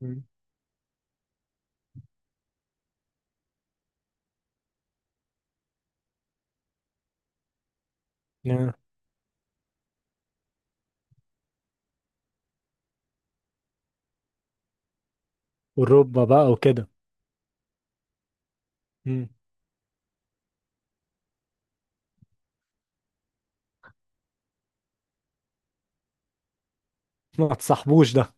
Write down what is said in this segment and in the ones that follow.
مم. آه. والركبة بقى وكده. مم. ما تصاحبوش ده.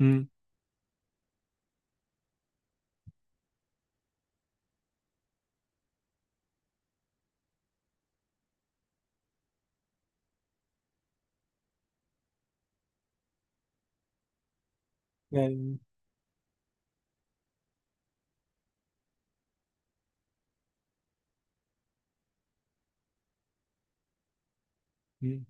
مم. يعني. مم.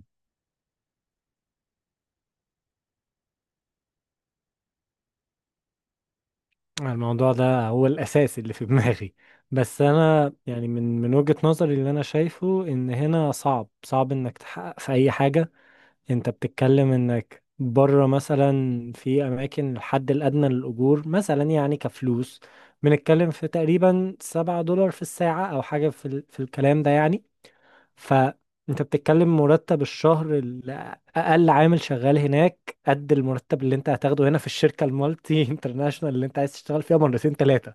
الموضوع ده هو الأساس اللي في دماغي. بس أنا يعني من وجهة نظري اللي أنا شايفه إن هنا صعب صعب إنك تحقق في أي حاجة. أنت بتتكلم إنك بره مثلا في أماكن الحد الأدنى للأجور مثلا، يعني كفلوس بنتكلم في تقريبا 7 دولار في الساعة أو حاجة في الكلام ده يعني. فانت بتتكلم مرتب الشهر، اقل عامل شغال هناك، قد المرتب اللي انت هتاخده هنا في الشركه المالتي انترناشونال اللي انت عايز تشتغل فيها مرتين ثلاثه.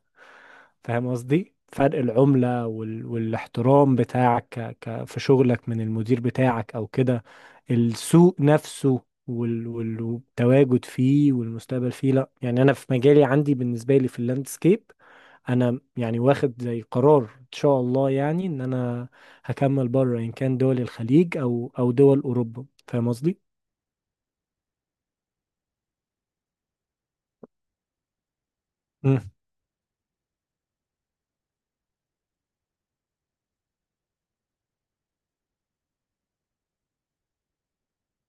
فاهم قصدي؟ فرق العمله والاحترام بتاعك في شغلك من المدير بتاعك او كده. السوق نفسه والتواجد فيه والمستقبل فيه. لا، يعني انا في مجالي عندي بالنسبه لي في اللاندسكيب، انا يعني واخد زي قرار ان شاء الله، يعني ان انا هكمل بره، ان كان دول الخليج او دول اوروبا. فاهم قصدي؟ مم.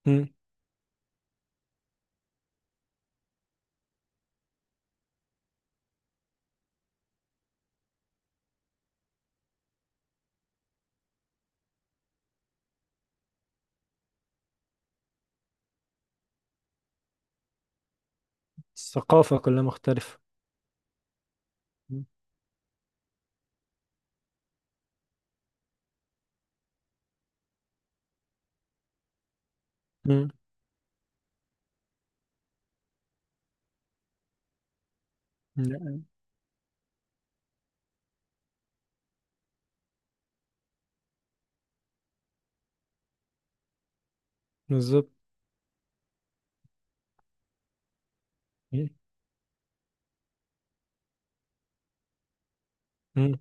مم. الثقافه كلها مختلفه. مم. مم. لا، بالظبط. مم. مم.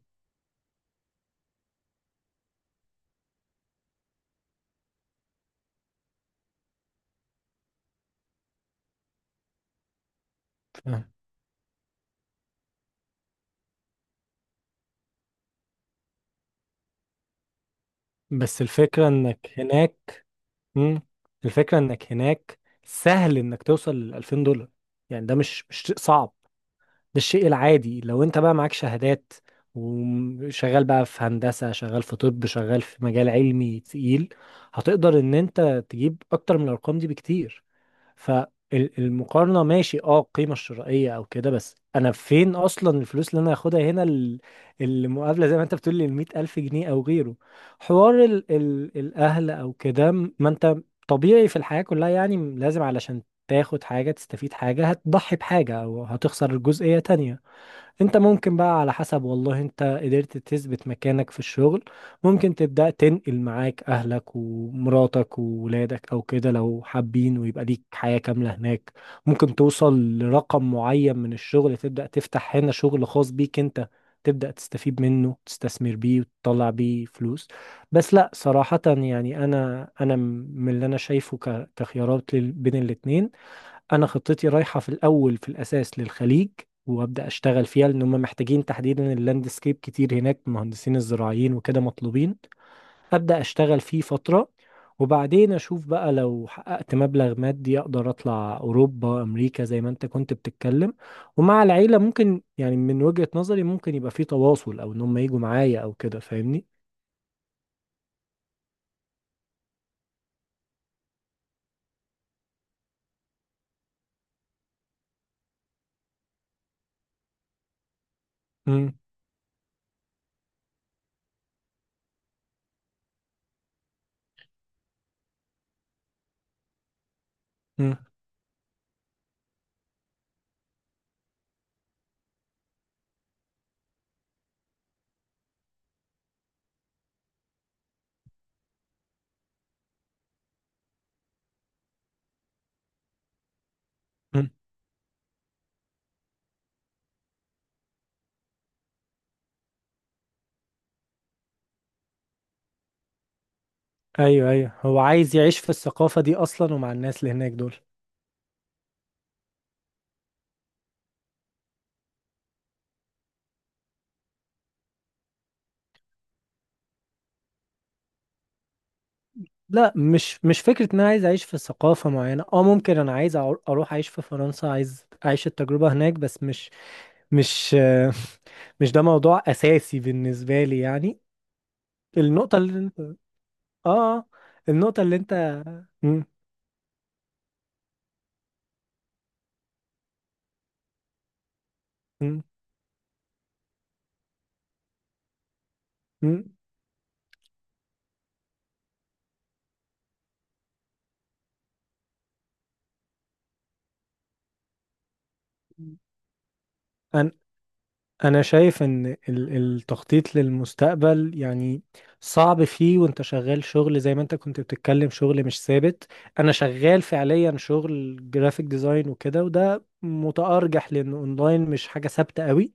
فاهم. بس الفكره انك هناك. مم. الفكره انك هناك، سهل انك توصل ل 2000 دولار. يعني ده مش شيء صعب. الشيء العادي لو انت بقى معاك شهادات، وشغال بقى في هندسة، شغال في طب، شغال في مجال علمي تقيل، هتقدر ان انت تجيب اكتر من الارقام دي بكتير. فالمقارنة ماشي، اه، القيمة الشرائية او كده، بس انا فين اصلا الفلوس اللي انا هاخدها هنا؟ المقابلة زي ما انت بتقول لي 100,000 جنيه او غيره. حوار ال ال الاهل او كده. ما انت طبيعي في الحياة كلها، يعني لازم علشان تاخد حاجة تستفيد حاجة هتضحي بحاجة او هتخسر جزئية تانية. انت ممكن بقى على حسب، والله انت قدرت تثبت مكانك في الشغل، ممكن تبدأ تنقل معاك اهلك ومراتك وولادك او كده لو حابين، ويبقى ليك حياة كاملة هناك. ممكن توصل لرقم معين من الشغل، تبدأ تفتح هنا شغل خاص بيك انت، تبدأ تستفيد منه، تستثمر بيه وتطلع بيه فلوس. بس لا صراحة، يعني انا من اللي انا شايفه كخيارات بين الاتنين، انا خطتي رايحه في الاول، في الاساس للخليج، وابدا اشتغل فيها، لان هم محتاجين تحديدا اللاندسكيب كتير هناك، مهندسين الزراعيين وكده مطلوبين. ابدا اشتغل فيه فتره، وبعدين اشوف بقى لو حققت مبلغ مادي اقدر اطلع اوروبا، امريكا، زي ما انت كنت بتتكلم. ومع العيله ممكن، يعني من وجهة نظري ممكن يبقى في تواصل، او ان هم يجوا معايا او كده. فاهمني؟ امم. امم. ايوه، ايوه، هو عايز يعيش في الثقافه دي اصلا، ومع الناس اللي هناك دول. لا، مش فكرة ان انا عايز اعيش في ثقافة معينة. اه، ممكن انا عايز اروح اعيش في فرنسا، عايز اعيش التجربة هناك، بس مش مش آه، مش ده موضوع اساسي بالنسبة لي يعني. النقطة اللي انت اه آه، النقطة اللي انت م- م- م- انا شايف ان التخطيط للمستقبل، يعني صعب فيه. وانت شغال شغل، زي ما انت كنت بتتكلم، شغل مش ثابت. انا شغال فعليا شغل جرافيك ديزاين وكده، وده متأرجح لان اونلاين مش حاجة ثابتة قوي.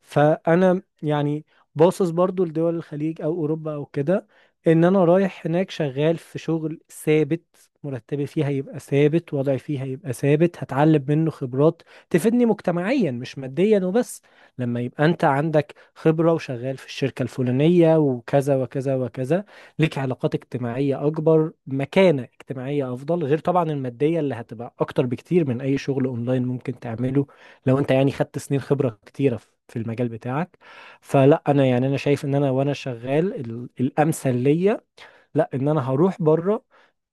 فانا يعني باصص برضو لدول الخليج او اوروبا او كده، ان انا رايح هناك شغال في شغل ثابت، مرتبي فيه هيبقى ثابت، وضعي فيه هيبقى ثابت، هتعلم منه خبرات تفيدني مجتمعيا مش ماديا وبس. لما يبقى انت عندك خبرة وشغال في الشركة الفلانية وكذا وكذا وكذا، ليك علاقات اجتماعية اكبر، مكانة اجتماعية افضل، غير طبعا المادية اللي هتبقى اكتر بكتير من اي شغل اونلاين ممكن تعمله، لو انت يعني خدت سنين خبرة كتيرة في المجال بتاعك. فلا، انا يعني انا شايف ان انا وانا شغال الامثل ليا. لا، ان انا هروح بره،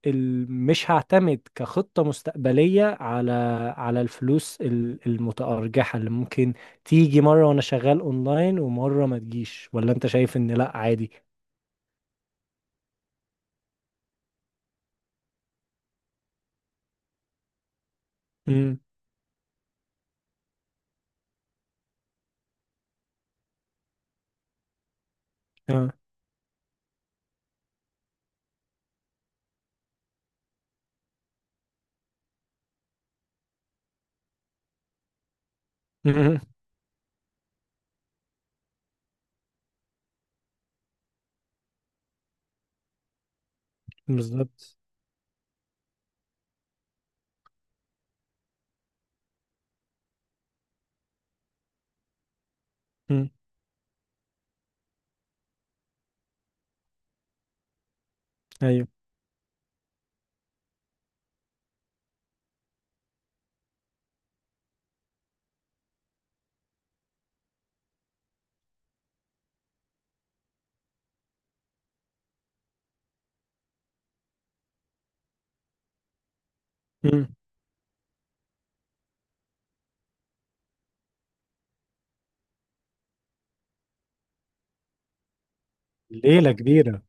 مش هعتمد كخطة مستقبلية على الفلوس المتأرجحة اللي ممكن تيجي مرة وانا شغال اونلاين، ومرة ما تجيش. ولا انت شايف ان لا عادي؟ امم. اه. امم. بالظبط. امم. ايوه. امم. ليلة كبيرة.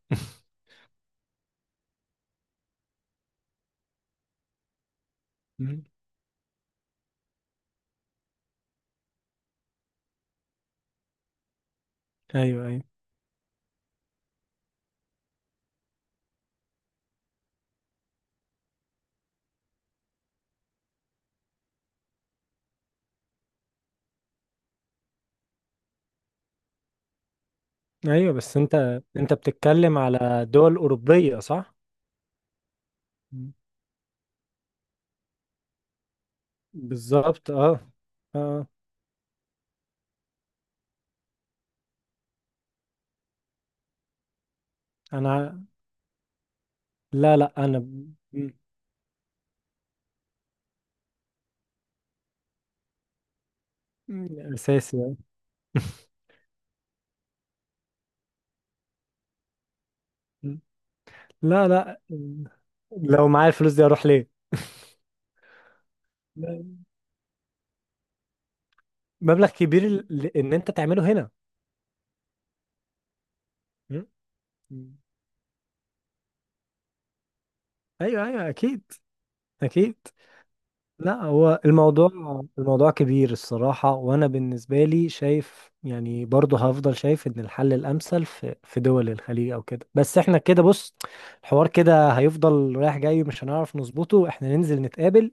امم. ايوه، ايوه، ايوه، بس انت بتتكلم على دول اوروبيه، صح؟ مم. بالظبط. اه، اه، انا ع- لا، لا، مم. مم. اساسي، آه. مم. لا، لا. مم. لو معايا الفلوس دي اروح ليه؟ لا. مبلغ كبير ان انت تعمله هنا. مم. مم. ايوه، ايوه، اكيد، اكيد. لا، هو الموضوع، الموضوع كبير الصراحة. وأنا بالنسبة لي شايف، يعني برضه هفضل شايف إن الحل الأمثل في دول الخليج أو كده. بس إحنا كده، بص، الحوار كده هيفضل رايح جاي، مش هنعرف نظبطه. إحنا ننزل نتقابل،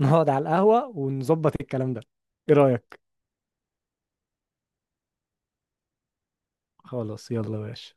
نقعد على القهوة ونظبط الكلام ده. إيه رأيك؟ خلاص، يلا يا باشا.